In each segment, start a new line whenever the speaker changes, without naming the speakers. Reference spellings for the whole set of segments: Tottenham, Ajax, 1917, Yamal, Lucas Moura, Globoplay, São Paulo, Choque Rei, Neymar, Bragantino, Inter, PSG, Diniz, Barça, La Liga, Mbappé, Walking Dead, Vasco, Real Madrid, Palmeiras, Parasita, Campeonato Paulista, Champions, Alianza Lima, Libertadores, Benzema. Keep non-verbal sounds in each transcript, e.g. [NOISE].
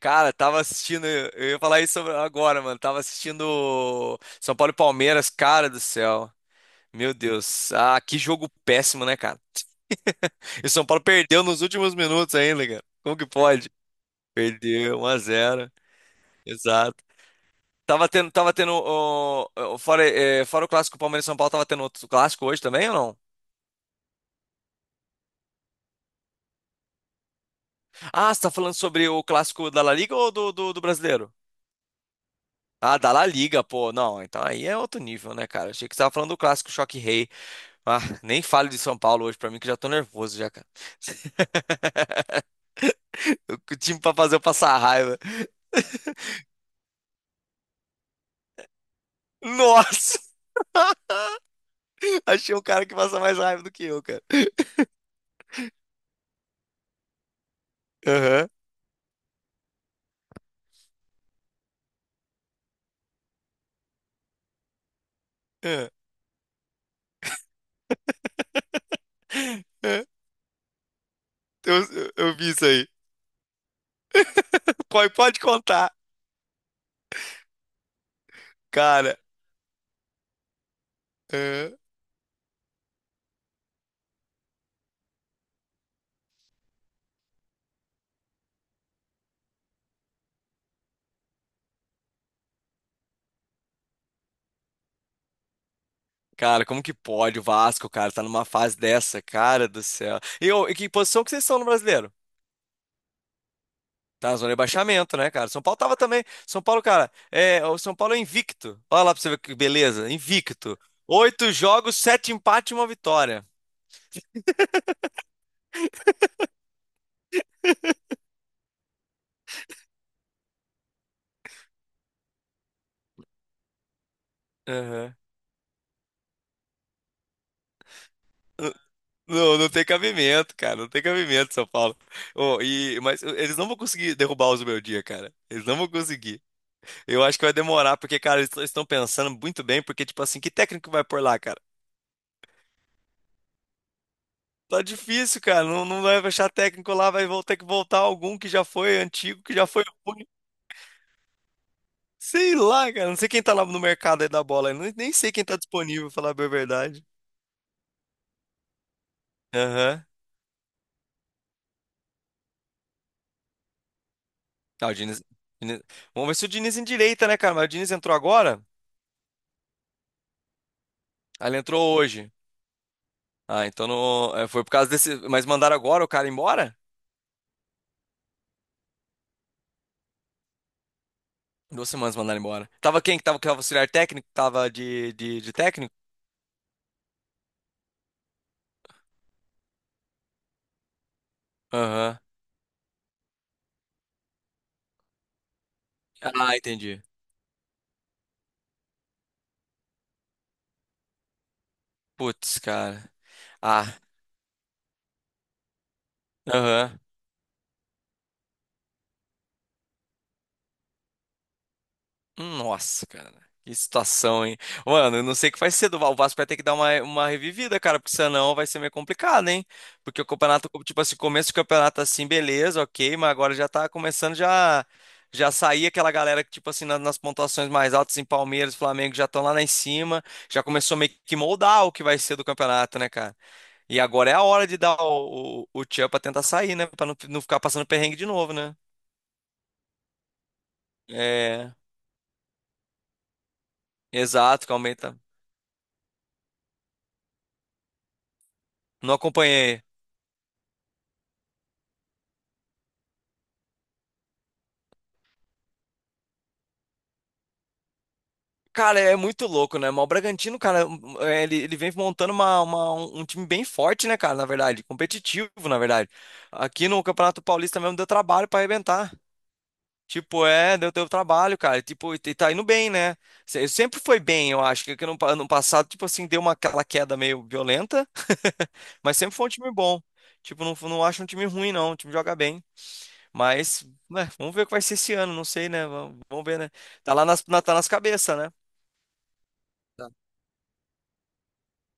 Cara, tava assistindo, eu ia falar isso agora, mano. Tava assistindo São Paulo e Palmeiras, cara do céu. Meu Deus, ah, que jogo péssimo, né, cara? E o São Paulo perdeu nos últimos minutos ainda, cara. Como que pode? Perdeu 1-0. Exato. Tava tendo fora o clássico Palmeiras e São Paulo, tava tendo outro clássico hoje também ou não? Ah, você tá falando sobre o clássico da La Liga ou do brasileiro? Ah, da La Liga, pô. Não, então aí é outro nível, né, cara? Achei que você tava falando do clássico Choque Rei. Ah, nem fale de São Paulo hoje pra mim que já tô nervoso já, cara. [LAUGHS] O time pra fazer eu passar raiva. Nossa! [LAUGHS] Achei um cara que passa mais raiva do que eu, cara. Aham. Aham, aham. Eu vi isso aí. Pode contar, cara. Aham. Cara, como que pode o Vasco, cara, tá numa fase dessa, cara do céu. E que posição que vocês estão no brasileiro? Tá na zona de rebaixamento, né, cara? São Paulo tava também. São Paulo, cara, é, o São Paulo é invicto. Olha lá pra você ver que beleza. Invicto. Oito jogos, sete empates e uma vitória. Aham. N- Não, não tem cabimento, cara. Não tem cabimento, São Paulo. Ô, mas eles não vão conseguir derrubar os meu dia, cara. Eles não vão conseguir. Eu acho que vai demorar, porque, cara, eles estão pensando muito bem, porque, tipo assim, que técnico vai por lá, cara? Tá difícil, cara. Não, não vai achar técnico lá, vai ter que voltar algum que já foi antigo, que já foi ruim. Sei lá, cara. Não sei quem tá lá no mercado aí da bola. Eu nem sei quem tá disponível, falar bem a verdade. Aham. Ah, o Diniz, Diniz- vamos ver se o Diniz endireita, né, cara? Mas o Diniz entrou agora? Ah, ele entrou hoje. Ah, então não, é, foi por causa desse. Mas mandaram agora o cara embora? 2 semanas mandaram embora. Tava quem que tava, auxiliar técnico? Tava de técnico? Aham. Ah, entendi. Putz, cara. Ah, aham. Nossa, cara. Que situação, hein? Mano, eu não sei o que vai ser. O Vasco vai ter que dar uma revivida, cara, porque senão vai ser meio complicado, hein? Porque o campeonato, tipo assim, começo do campeonato assim, beleza, ok, mas agora já tá começando já sair aquela galera que, tipo assim, nas pontuações mais altas em Palmeiras, Flamengo, já estão lá em cima, já começou meio que moldar o que vai ser do campeonato, né, cara? E agora é a hora de dar o tchan pra tentar sair, né? Pra não, não ficar passando perrengue de novo, né? É, exato, que aumenta. Não acompanhei. Cara, é muito louco, né? Mas o Bragantino, cara, é, ele vem montando uma, um time bem forte, né, cara? Na verdade, competitivo, na verdade. Aqui no Campeonato Paulista mesmo deu trabalho pra arrebentar. Tipo, é, deu trabalho, cara. E, tipo, e tá indo bem, né? Sempre foi bem, eu acho. Que no ano passado, tipo assim, deu aquela queda meio violenta, [LAUGHS] mas sempre foi um time bom. Tipo, não, não acho um time ruim, não. O time joga bem. Mas, né, vamos ver o que vai ser esse ano, não sei, né? Vamos ver, né? Tá nas cabeças, né?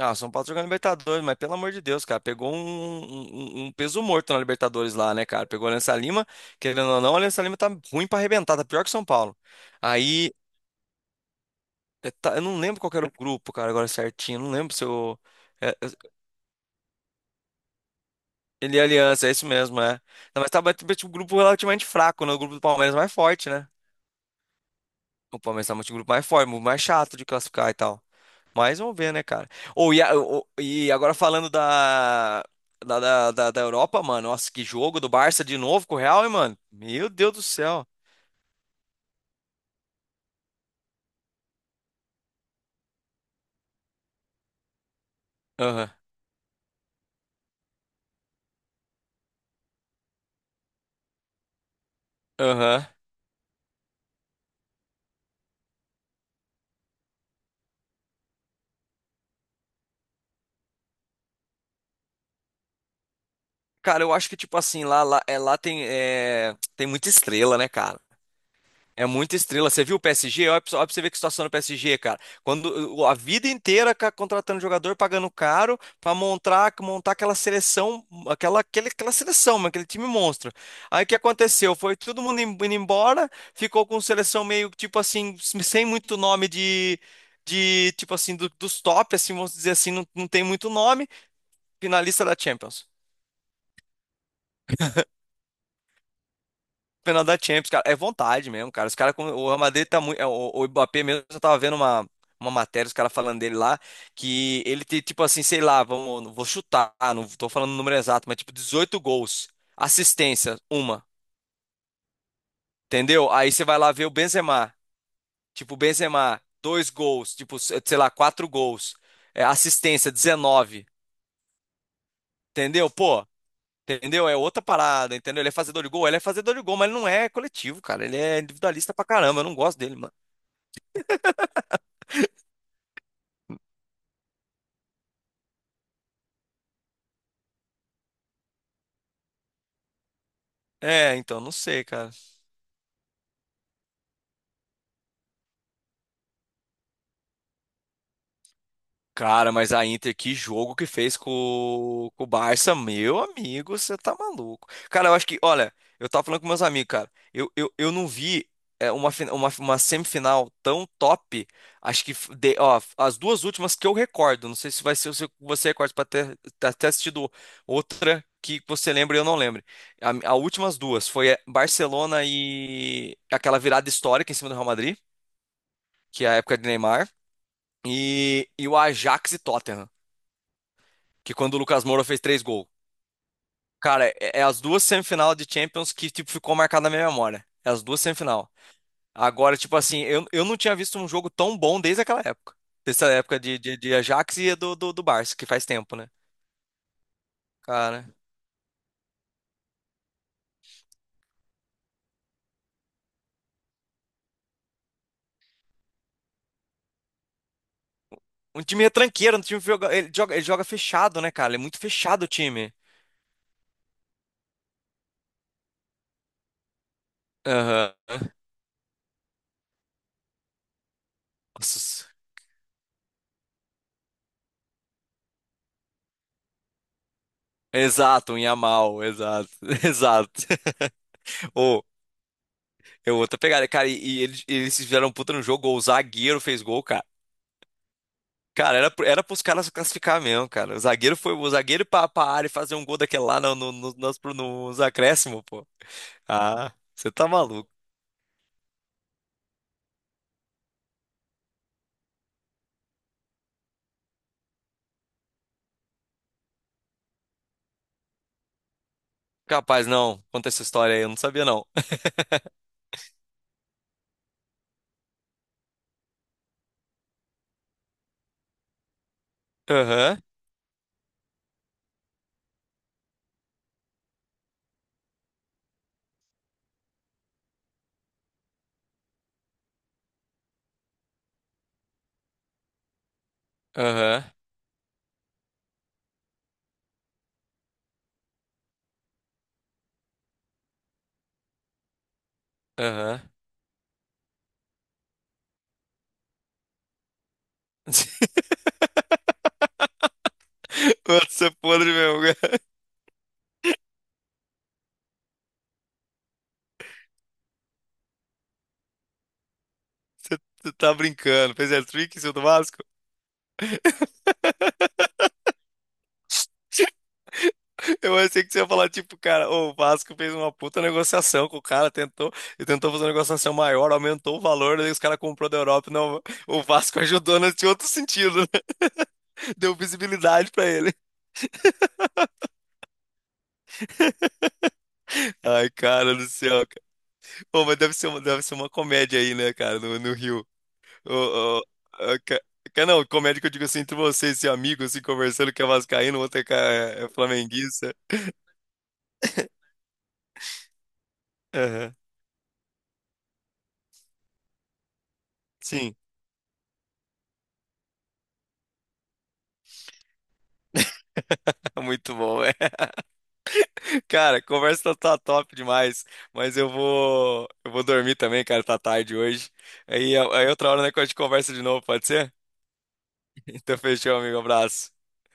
Ah, o São Paulo tá jogando Libertadores, mas pelo amor de Deus, cara, pegou um, um peso morto na Libertadores lá, né, cara? Pegou o Alianza Lima, querendo ou não, o Alianza Lima tá ruim pra arrebentar, tá pior que o São Paulo. Aí, eu não lembro qual que era o grupo, cara, agora certinho, eu não lembro se eu. é, é, ele é Aliança, é isso mesmo, é. Não, mas tá tipo, um grupo relativamente fraco, né? O grupo do Palmeiras é mais forte, né? O Palmeiras tá um grupo mais forte, mais chato de classificar e tal. Mas vamos ver, né, cara? Ou e, a- ô, e agora falando da Europa, mano. Nossa, que jogo do Barça de novo com o Real, hein, mano? Meu Deus do céu. Aham, aham. Cara, eu acho que, tipo assim, lá, lá tem muita estrela, né, cara? É muita estrela. Você viu o PSG? Olha pra você ver que situação do PSG, cara. Quando a vida inteira contratando jogador, pagando caro pra montar aquela seleção, mano, aquele time monstro. Aí o que aconteceu? Foi todo mundo indo embora, ficou com seleção meio tipo assim, sem muito nome de tipo assim, dos top, assim, vamos dizer assim, não, não tem muito nome, finalista da Champions. Final da Champions, cara. É vontade mesmo, cara. Os caras, o Real Madrid tá muito. O Mbappé mesmo, eu tava vendo uma, matéria, os caras falando dele lá, que ele tem, tipo assim, sei lá, vou chutar, não tô falando o número exato, mas tipo 18 gols, assistência, uma, entendeu? Aí você vai lá ver o Benzema, tipo, o Benzema, dois gols, tipo, sei lá, quatro gols, é, assistência, 19, entendeu? Pô, entendeu? É outra parada, entendeu? Ele é fazedor de gol, ele é fazedor de gol, mas ele não é coletivo, cara. Ele é individualista pra caramba, eu não gosto dele, mano. É, então, não sei, cara. Cara, mas a Inter, que jogo que fez com o Barça, meu amigo, você tá maluco. Cara, eu acho que, olha, eu tava falando com meus amigos, cara, eu não vi uma semifinal tão top, acho que, as duas últimas que eu recordo, não sei se vai ser você recorda pra ter assistido outra que você lembra e eu não lembro. A últimas duas foi, Barcelona e aquela virada histórica em cima do Real Madrid, que é a época de Neymar. E o Ajax e Tottenham, que quando o Lucas Moura fez três gols. Cara, é as duas semifinal de Champions que, tipo, ficou marcada na minha memória. É as duas semifinal. Agora, tipo assim, eu não tinha visto um jogo tão bom desde aquela época. Desde a época de Ajax e do Barça, que faz tempo, né? Cara, um time retranqueiro, um time que joga, ele joga fechado, né, cara? Ele é muito fechado o time. Aham. Nossa. Exato, um Yamal, exato, [LAUGHS] exato. Ô, é outra pegada, cara. E eles fizeram um puta no jogo, o zagueiro fez gol, cara. Cara, era pros caras se classificar mesmo, cara. O zagueiro ir pra área e fazer um gol daquele lá no, no, no, nos, nos acréscimos, pô. Ah, você tá maluco. Capaz, não. Conta essa história aí, eu não sabia, não. [LAUGHS] Aham, aham, aham. [LAUGHS] Mano, você é podre mesmo, [LAUGHS] cara. Você tá brincando. Fez hat-trick em cima do Vasco? Eu achei que você ia falar, tipo, cara, o Vasco fez uma puta negociação com o cara, tentou, e tentou fazer uma negociação maior, aumentou o valor, daí os caras comprou da Europa. Não, o Vasco [LAUGHS] ajudou nesse outro sentido, né? [LAUGHS] Deu visibilidade pra ele. [LAUGHS] Ai, cara do céu, cara. Pô, mas deve ser uma comédia aí, né, cara, no Rio. O, a ca- ca- não, comédia que eu digo assim, entre vocês, seu amigo, assim, conversando, que é vascaíno, o outro é flamenguista. Aham. Sim, [LAUGHS] muito bom, é. Cara, a conversa tá top demais, mas eu vou dormir também, cara, tá tarde hoje. Aí outra hora, né, que a gente conversa de novo, pode ser? [LAUGHS] Então fechou, amigo, abraço.